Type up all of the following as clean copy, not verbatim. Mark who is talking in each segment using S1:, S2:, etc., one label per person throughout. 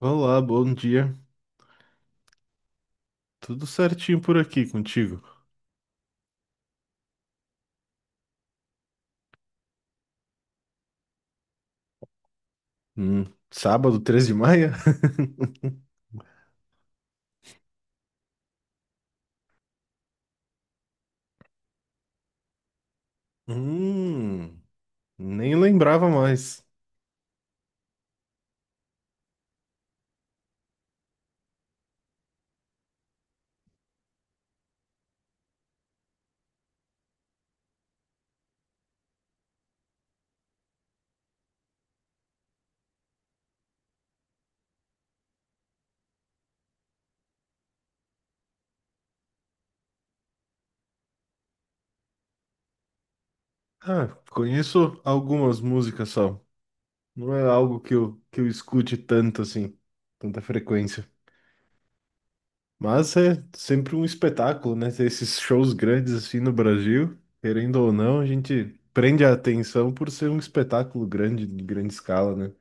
S1: Olá, bom dia. Tudo certinho por aqui contigo? Hum, sábado, 13 de maio? Hum, nem lembrava mais. Ah, conheço algumas músicas só. Não é algo que eu escute tanto assim, tanta frequência. Mas é sempre um espetáculo, né? Ter esses shows grandes assim no Brasil, querendo ou não, a gente prende a atenção por ser um espetáculo grande, de grande escala, né?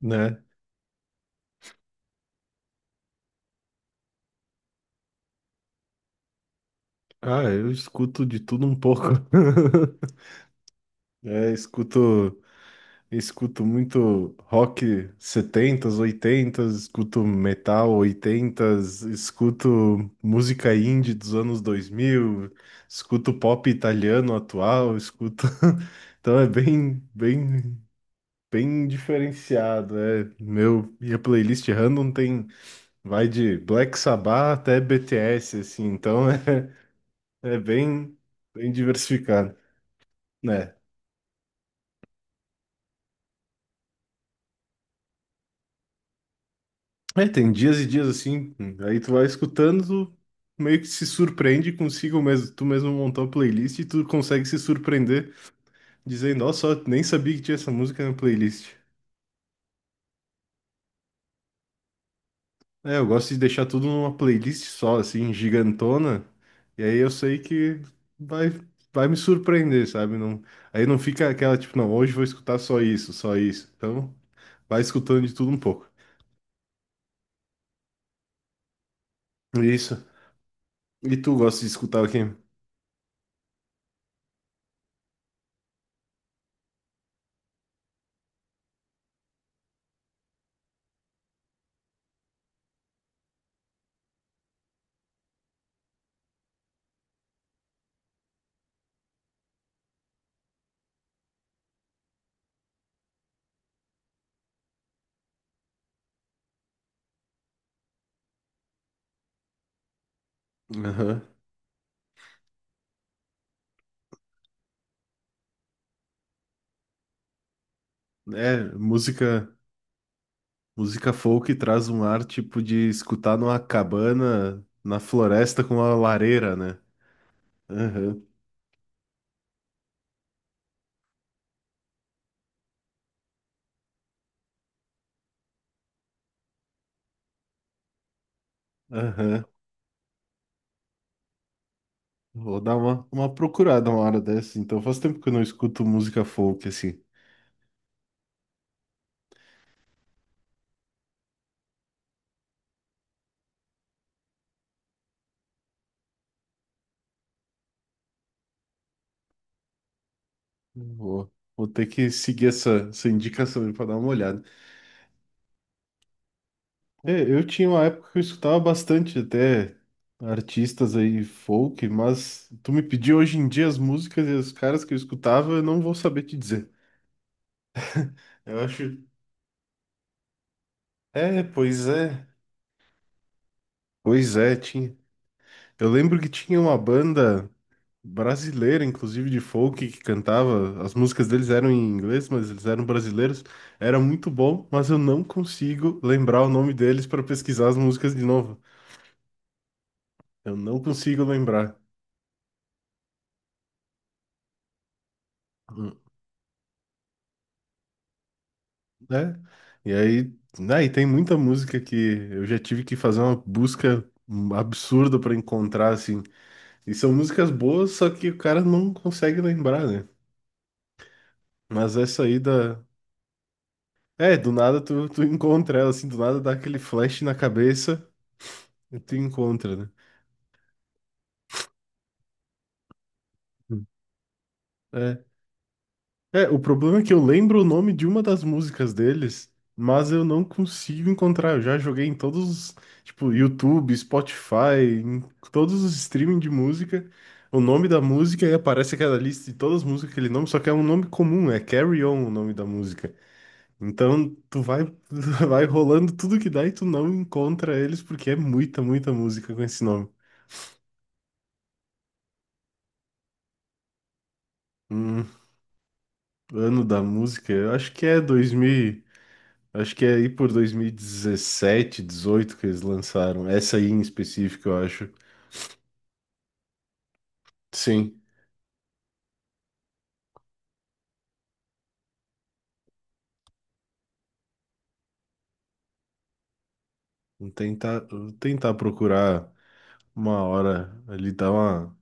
S1: Né? Ah, eu escuto de tudo um pouco. É, escuto, escuto muito rock setentas oitentas escuto metal oitentas escuto música indie dos anos 2000 escuto pop italiano atual, escuto. Então é bem, bem, bem diferenciado. É, minha playlist random tem, vai de Black Sabbath até BTS, assim, então é, é bem, bem diversificado, né? É, tem dias e dias assim, aí tu vai escutando, tu meio que se surpreende consigo mesmo, tu mesmo montou a playlist e tu consegue se surpreender, dizendo, ó, só nem sabia que tinha essa música na playlist. É, eu gosto de deixar tudo numa playlist só, assim, gigantona, e aí eu sei que vai, vai me surpreender, sabe? Não, aí não fica aquela, tipo, não, hoje vou escutar só isso, só isso. Então, vai escutando de tudo um pouco. Isso. E tu gosta de escutar o quê? Aham. É, música. Música folk traz um ar tipo de escutar numa cabana na floresta com uma lareira, né? Aham, aham. Vou dar uma procurada uma hora dessa, então faz tempo que eu não escuto música folk assim. Vou, vou ter que seguir essa indicação para dar uma olhada. É, eu tinha uma época que eu escutava bastante até artistas aí folk, mas tu me pediu hoje em dia as músicas e os caras que eu escutava, eu não vou saber te dizer. Eu acho. É, pois é. Pois é, tinha. Eu lembro que tinha uma banda brasileira, inclusive de folk, que cantava. As músicas deles eram em inglês, mas eles eram brasileiros. Era muito bom, mas eu não consigo lembrar o nome deles para pesquisar as músicas de novo. Eu não consigo lembrar, Hum, né? E aí, né, e tem muita música que eu já tive que fazer uma busca absurda para encontrar, assim. E são músicas boas, só que o cara não consegue lembrar, né? Mas essa aí da, É, do nada tu encontra ela, assim, do nada dá aquele flash na cabeça e tu encontra, né? Hum. É. É, o problema é que eu lembro o nome de uma das músicas deles, mas eu não consigo encontrar. Eu já joguei em todos, os, tipo, YouTube, Spotify, em todos os streaming de música, o nome da música e aparece aquela lista de todas as músicas, aquele nome, só que é um nome comum, é Carry On o nome da música. Então tu vai, tu vai rolando tudo que dá e tu não encontra eles porque é muita, muita música com esse nome. Hum, ano da música, eu acho que é dois mil acho que é aí por 2017 18 que eles lançaram. Essa aí em específico, eu acho. Sim, vou tentar procurar uma hora ali dar uma,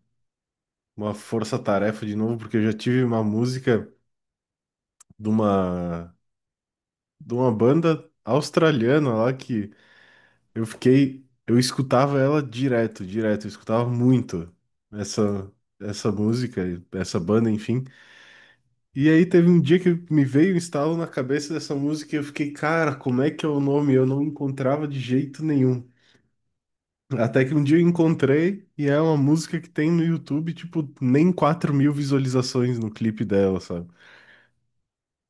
S1: uma força-tarefa de novo, porque eu já tive uma música de uma, de uma banda australiana lá que eu fiquei, eu escutava ela direto, direto, eu escutava muito essa, essa música, essa banda, enfim. E aí teve um dia que me veio um estalo na cabeça dessa música e eu fiquei, cara, como é que é o nome? Eu não encontrava de jeito nenhum. Até que um dia eu encontrei e é uma música que tem no YouTube, tipo, nem 4.000 visualizações no clipe dela, sabe?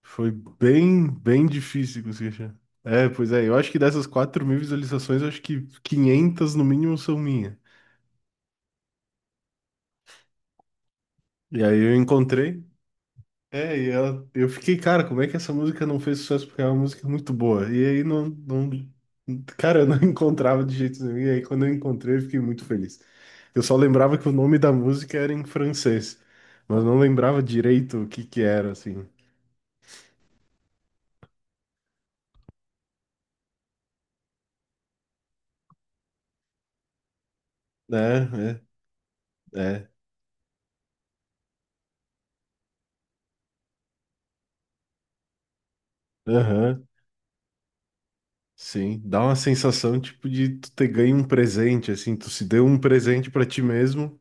S1: Foi bem, bem difícil conseguir achar. É, pois é, eu acho que dessas 4.000 visualizações, eu acho que 500 no mínimo são minhas. E aí eu encontrei, É, e ela, eu fiquei, cara, como é que essa música não fez sucesso? Porque é uma música muito boa. E aí não, não, cara, eu não encontrava de jeito nenhum. E aí quando eu encontrei, eu fiquei muito feliz. Eu só lembrava que o nome da música era em francês, mas não lembrava direito o que que era, assim. É, é, é. Aham, sim. Dá uma sensação, tipo, de tu ter ganho um presente, assim, tu se deu um presente pra ti mesmo.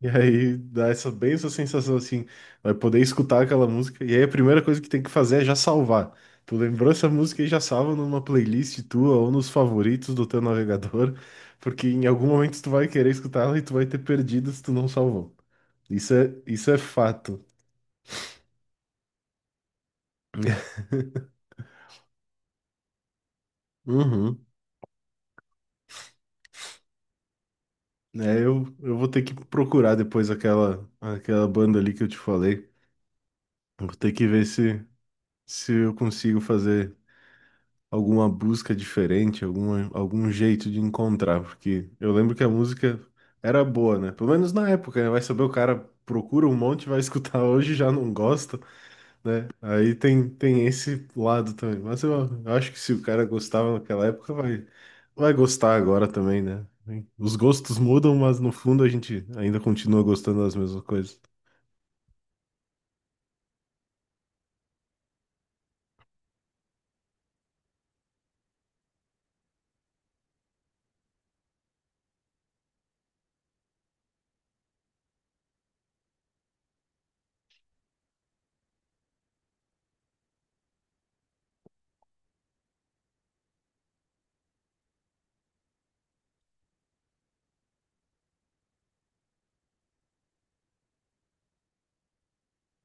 S1: E aí dá essa bem essa sensação assim, vai poder escutar aquela música. E aí a primeira coisa que tem que fazer é já salvar. Tu lembrou essa música e já salva numa playlist tua ou nos favoritos do teu navegador, porque em algum momento tu vai querer escutar ela e tu vai ter perdido se tu não salvou. Isso é fato. Uhum. É, eu vou ter que procurar depois aquela banda ali que eu te falei. Vou ter que ver se eu consigo fazer alguma busca diferente, algum jeito de encontrar, porque eu lembro que a música era boa, né? Pelo menos na época, né? Vai saber o cara procura um monte, vai escutar hoje e já não gosta, né? Aí tem esse lado também. Mas eu acho que se o cara gostava naquela época, vai gostar agora também, né? Os gostos mudam, mas no fundo a gente ainda continua gostando das mesmas coisas.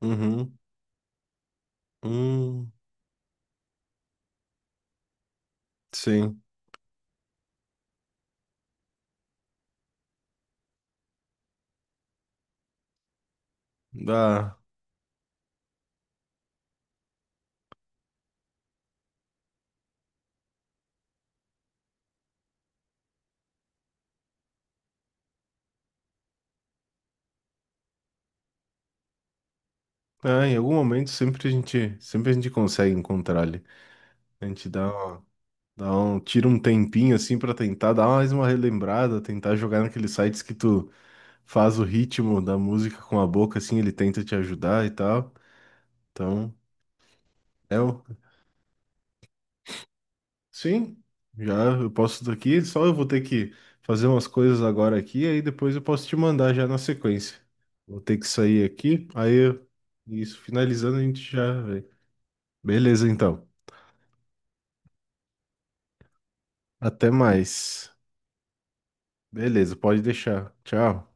S1: Uhum. Hum, sim. Dá. Ah, em algum momento sempre a gente consegue encontrar ali. A gente dá, uma- dá um, tira um tempinho assim pra tentar dar mais uma relembrada, tentar jogar naqueles sites que tu faz o ritmo da música com a boca, assim, ele tenta te ajudar e tal. Então, é o... Sim, já eu posso daqui, só eu vou ter que fazer umas coisas agora aqui, aí depois eu posso te mandar já na sequência. Vou ter que sair aqui, isso, finalizando a gente já vê. Beleza, então. Até mais. Beleza, pode deixar. Tchau.